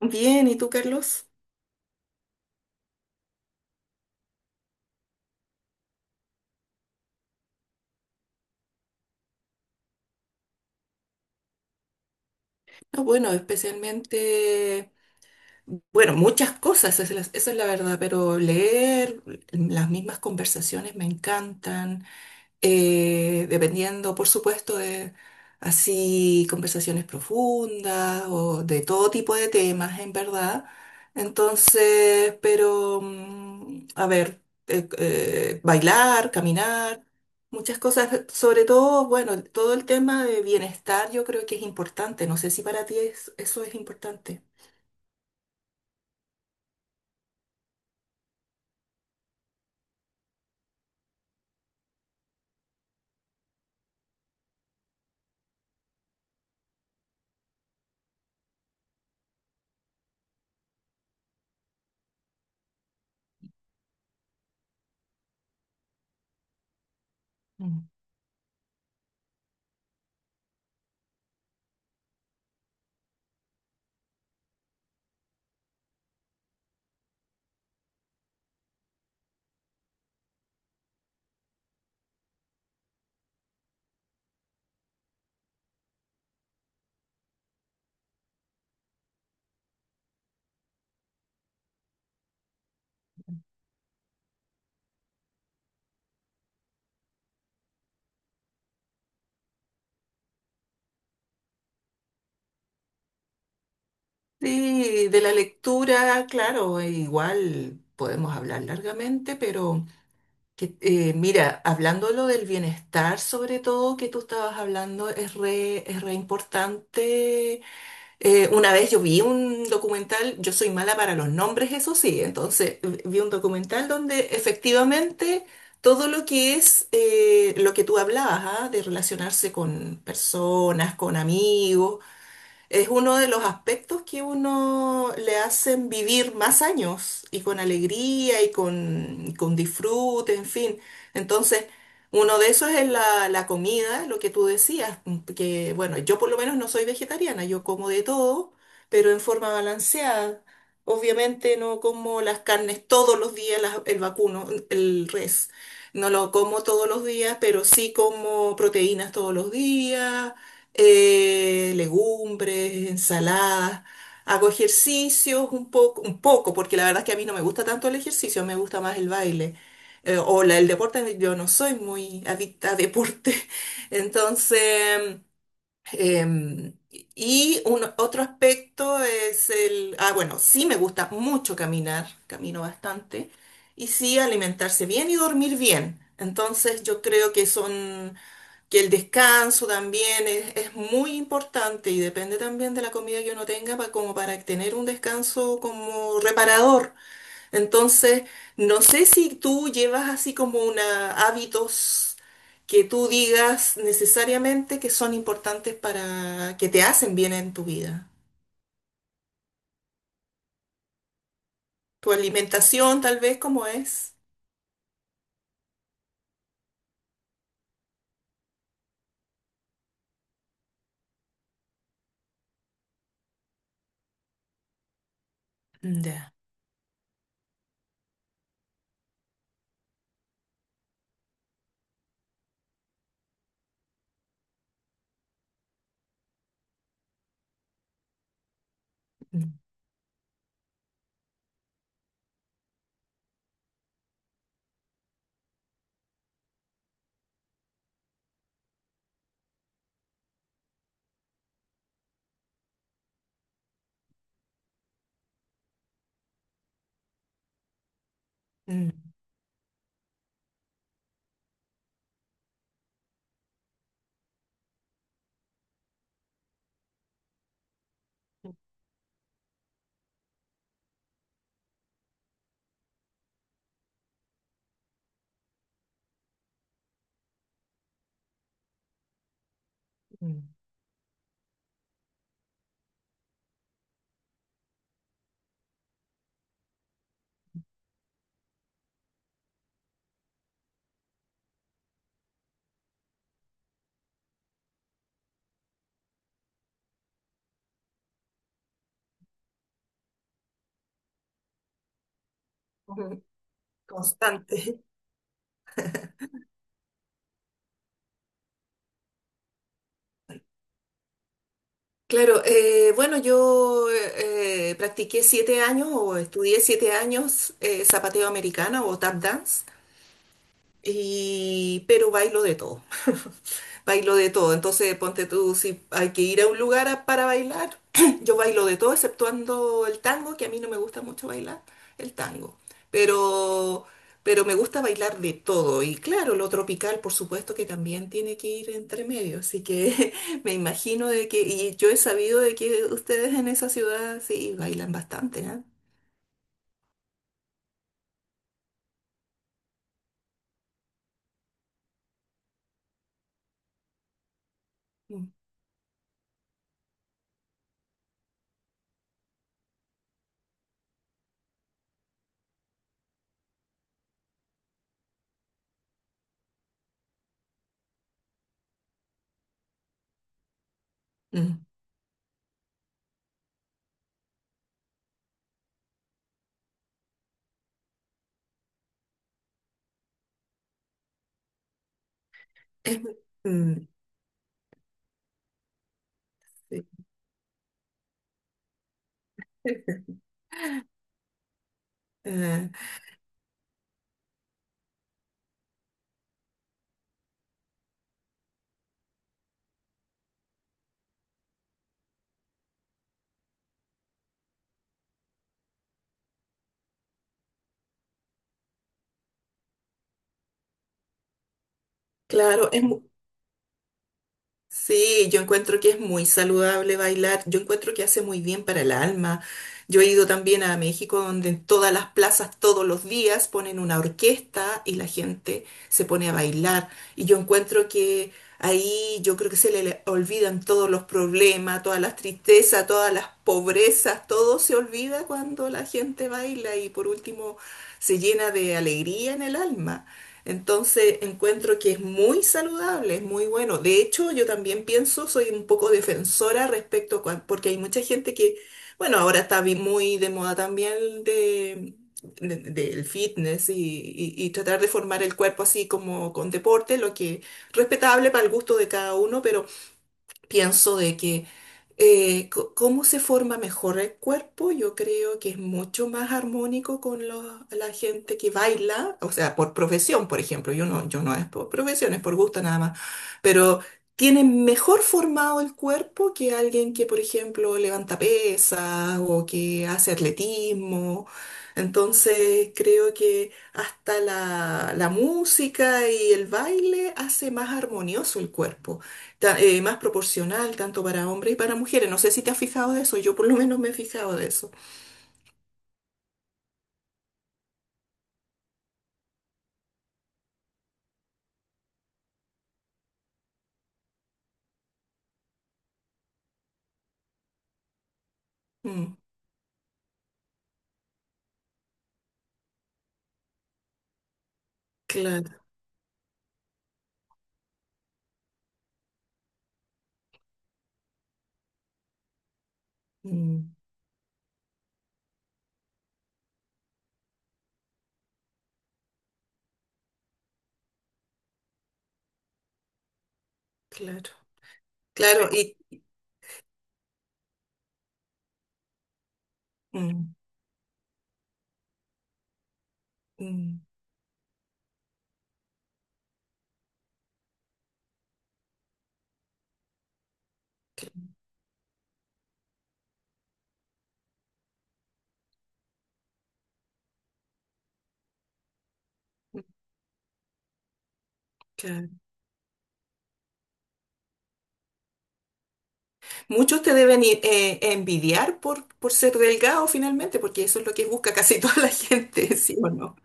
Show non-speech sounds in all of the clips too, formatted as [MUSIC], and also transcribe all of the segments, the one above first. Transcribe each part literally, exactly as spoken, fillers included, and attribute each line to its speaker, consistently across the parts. Speaker 1: Bien, ¿y tú, Carlos? No, bueno, especialmente, bueno, muchas cosas, esa es la, esa es la verdad, pero leer las mismas conversaciones me encantan. Eh, dependiendo, por supuesto, de así conversaciones profundas o de todo tipo de temas, en verdad. Entonces, pero, mm, a ver, eh, eh, bailar, caminar, muchas cosas, sobre todo, bueno, todo el tema de bienestar yo creo que es importante. No sé si para ti es- eso es importante. Mm. Sí, de la lectura, claro, igual podemos hablar largamente, pero... Que, eh, mira, hablando de lo del bienestar, sobre todo que tú estabas hablando, es re, es re importante. Eh, una vez yo vi un documental, yo soy mala para los nombres, eso sí, entonces eh, vi un documental donde efectivamente todo lo que es eh, lo que tú hablabas, ¿ah? De relacionarse con personas, con amigos, es uno de los aspectos que uno le hacen vivir más años y con alegría y con, con disfrute, en fin. Entonces, uno de esos es la, la comida, lo que tú decías, mm, que bueno, yo por lo menos no soy vegetariana, yo como de todo, pero en forma balanceada. Obviamente no como las carnes todos los días, las- el vacuno, el res. No lo como todos los días, pero sí como proteínas todos los días eh, legumbres, ensaladas, hago ejercicios un poco, un poco, porque la verdad es que a mí no me gusta tanto el ejercicio, me gusta más el baile. Eh, o la- el deporte, yo no soy muy adicta a deporte. [LAUGHS] Entonces, em, y un, otro aspecto es el, ah, bueno, sí me gusta mucho caminar, camino bastante, y sí alimentarse bien y dormir bien. Entonces, yo creo que son que el descanso también es, es muy importante y depende también de la comida que uno tenga pa- como para tener un descanso como reparador. Entonces, no sé si tú llevas así como una hábitos que tú digas necesariamente que son importantes para que te hacen bien en tu vida. Tu alimentación tal vez como es. Ya. Mm, mm, mm. [LAUGHS] Ujú. Constante. Claro, eh, bueno, yo eh, eh, practiqué siete años o estudié siete años eh, zapateo americano o tap dance. Y, pero bailo de todo, [LAUGHS] bailo de todo. Entonces, ponte tú, si hay que ir a un lugar a- para bailar, [CLEARS THROAT] yo bailo de todo, exceptuando el tango, que a mí no me gusta mucho bailar el tango. Pero, pero me gusta bailar de todo. Y claro, lo tropical, por supuesto, que también tiene que ir entre medio. Así que [LAUGHS] me imagino de que, y yo he sabido de que ustedes en esa ciudad sí bailan bastante, ¿ah? Mm, mm. [LAUGHS] Mm, sí. Ah, claro, es, mu- sí, yo encuentro que es muy saludable bailar, yo encuentro que hace muy bien para el alma. Yo he ido también a México donde en todas las plazas todos los días ponen una orquesta y la gente se pone a bailar. Y yo encuentro que ahí yo creo que se le olvidan todos los problemas, todas las tristezas, todas las pobrezas, todo se olvida cuando la gente baila y por último se llena de alegría en el alma. Entonces encuentro que es muy saludable, es muy bueno. De hecho, yo también pienso, soy un poco defensora respecto a, cuan- porque hay mucha gente que, bueno, ahora está vi- muy de moda también de, de- del fitness y, y- y tratar de formar el cuerpo así como con deporte, lo que respetable para el gusto de cada uno, pero pienso de que eh, co- cómo se forma mejor el cuerpo, yo creo que es mucho más armónico con los- la gente que baila, o sea, por profesión, por ejemplo, yo no, yo no es por profesión, es por gusto nada más, pero tiene mejor formado el cuerpo que alguien que, por ejemplo, levanta pesas o que hace atletismo. Entonces, creo que hasta la, la música y el baile hace más armonioso el cuerpo ta- eh, más proporcional tanto para hombres y para mujeres. No sé si te has fijado de eso, yo por lo menos me he fijado de eso. Mm, claro, mm, claro, claro, y mm, mm, cl- mm, claro. Muchos te deben i- eh, envidiar por, por ser delgado finalmente, porque eso es lo que busca casi [LAUGHS] toda la gente, ¿sí o no?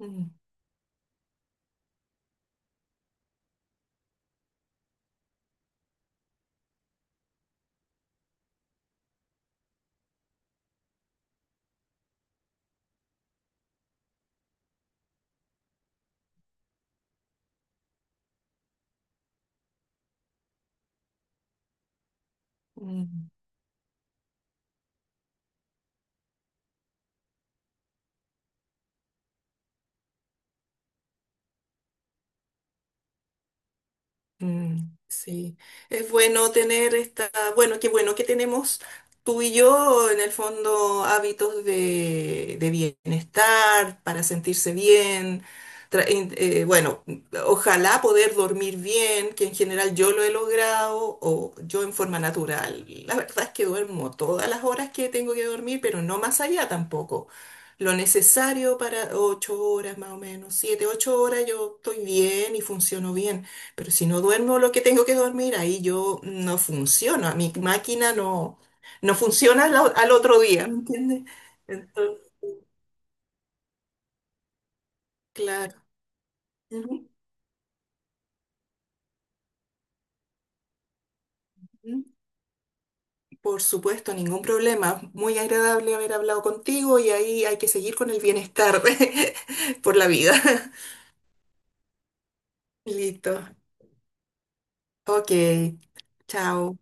Speaker 1: Mm, mm. Mm, sí, es bueno tener esta, bueno, qué bueno que tenemos tú y yo en el fondo hábitos de, de bienestar para sentirse bien. Tra- in- eh, bueno, ojalá poder dormir bien, que en general yo lo he logrado o yo en forma natural. La verdad es que duermo todas las horas que tengo que dormir, pero no más allá tampoco. Lo necesario para ocho horas más o menos, siete, ocho horas yo estoy bien y funciono bien pero si no duermo lo que tengo que dormir, ahí yo no funciono, a mi máquina no, no funciona al, o- al otro día, ¿me entiendes? Entonces, claro. Ujú, ujú. Por supuesto, ningún problema. Muy agradable haber hablado contigo y ahí hay que seguir con el bienestar [LAUGHS] por la vida. [LAUGHS] Listo. Ok. Chao.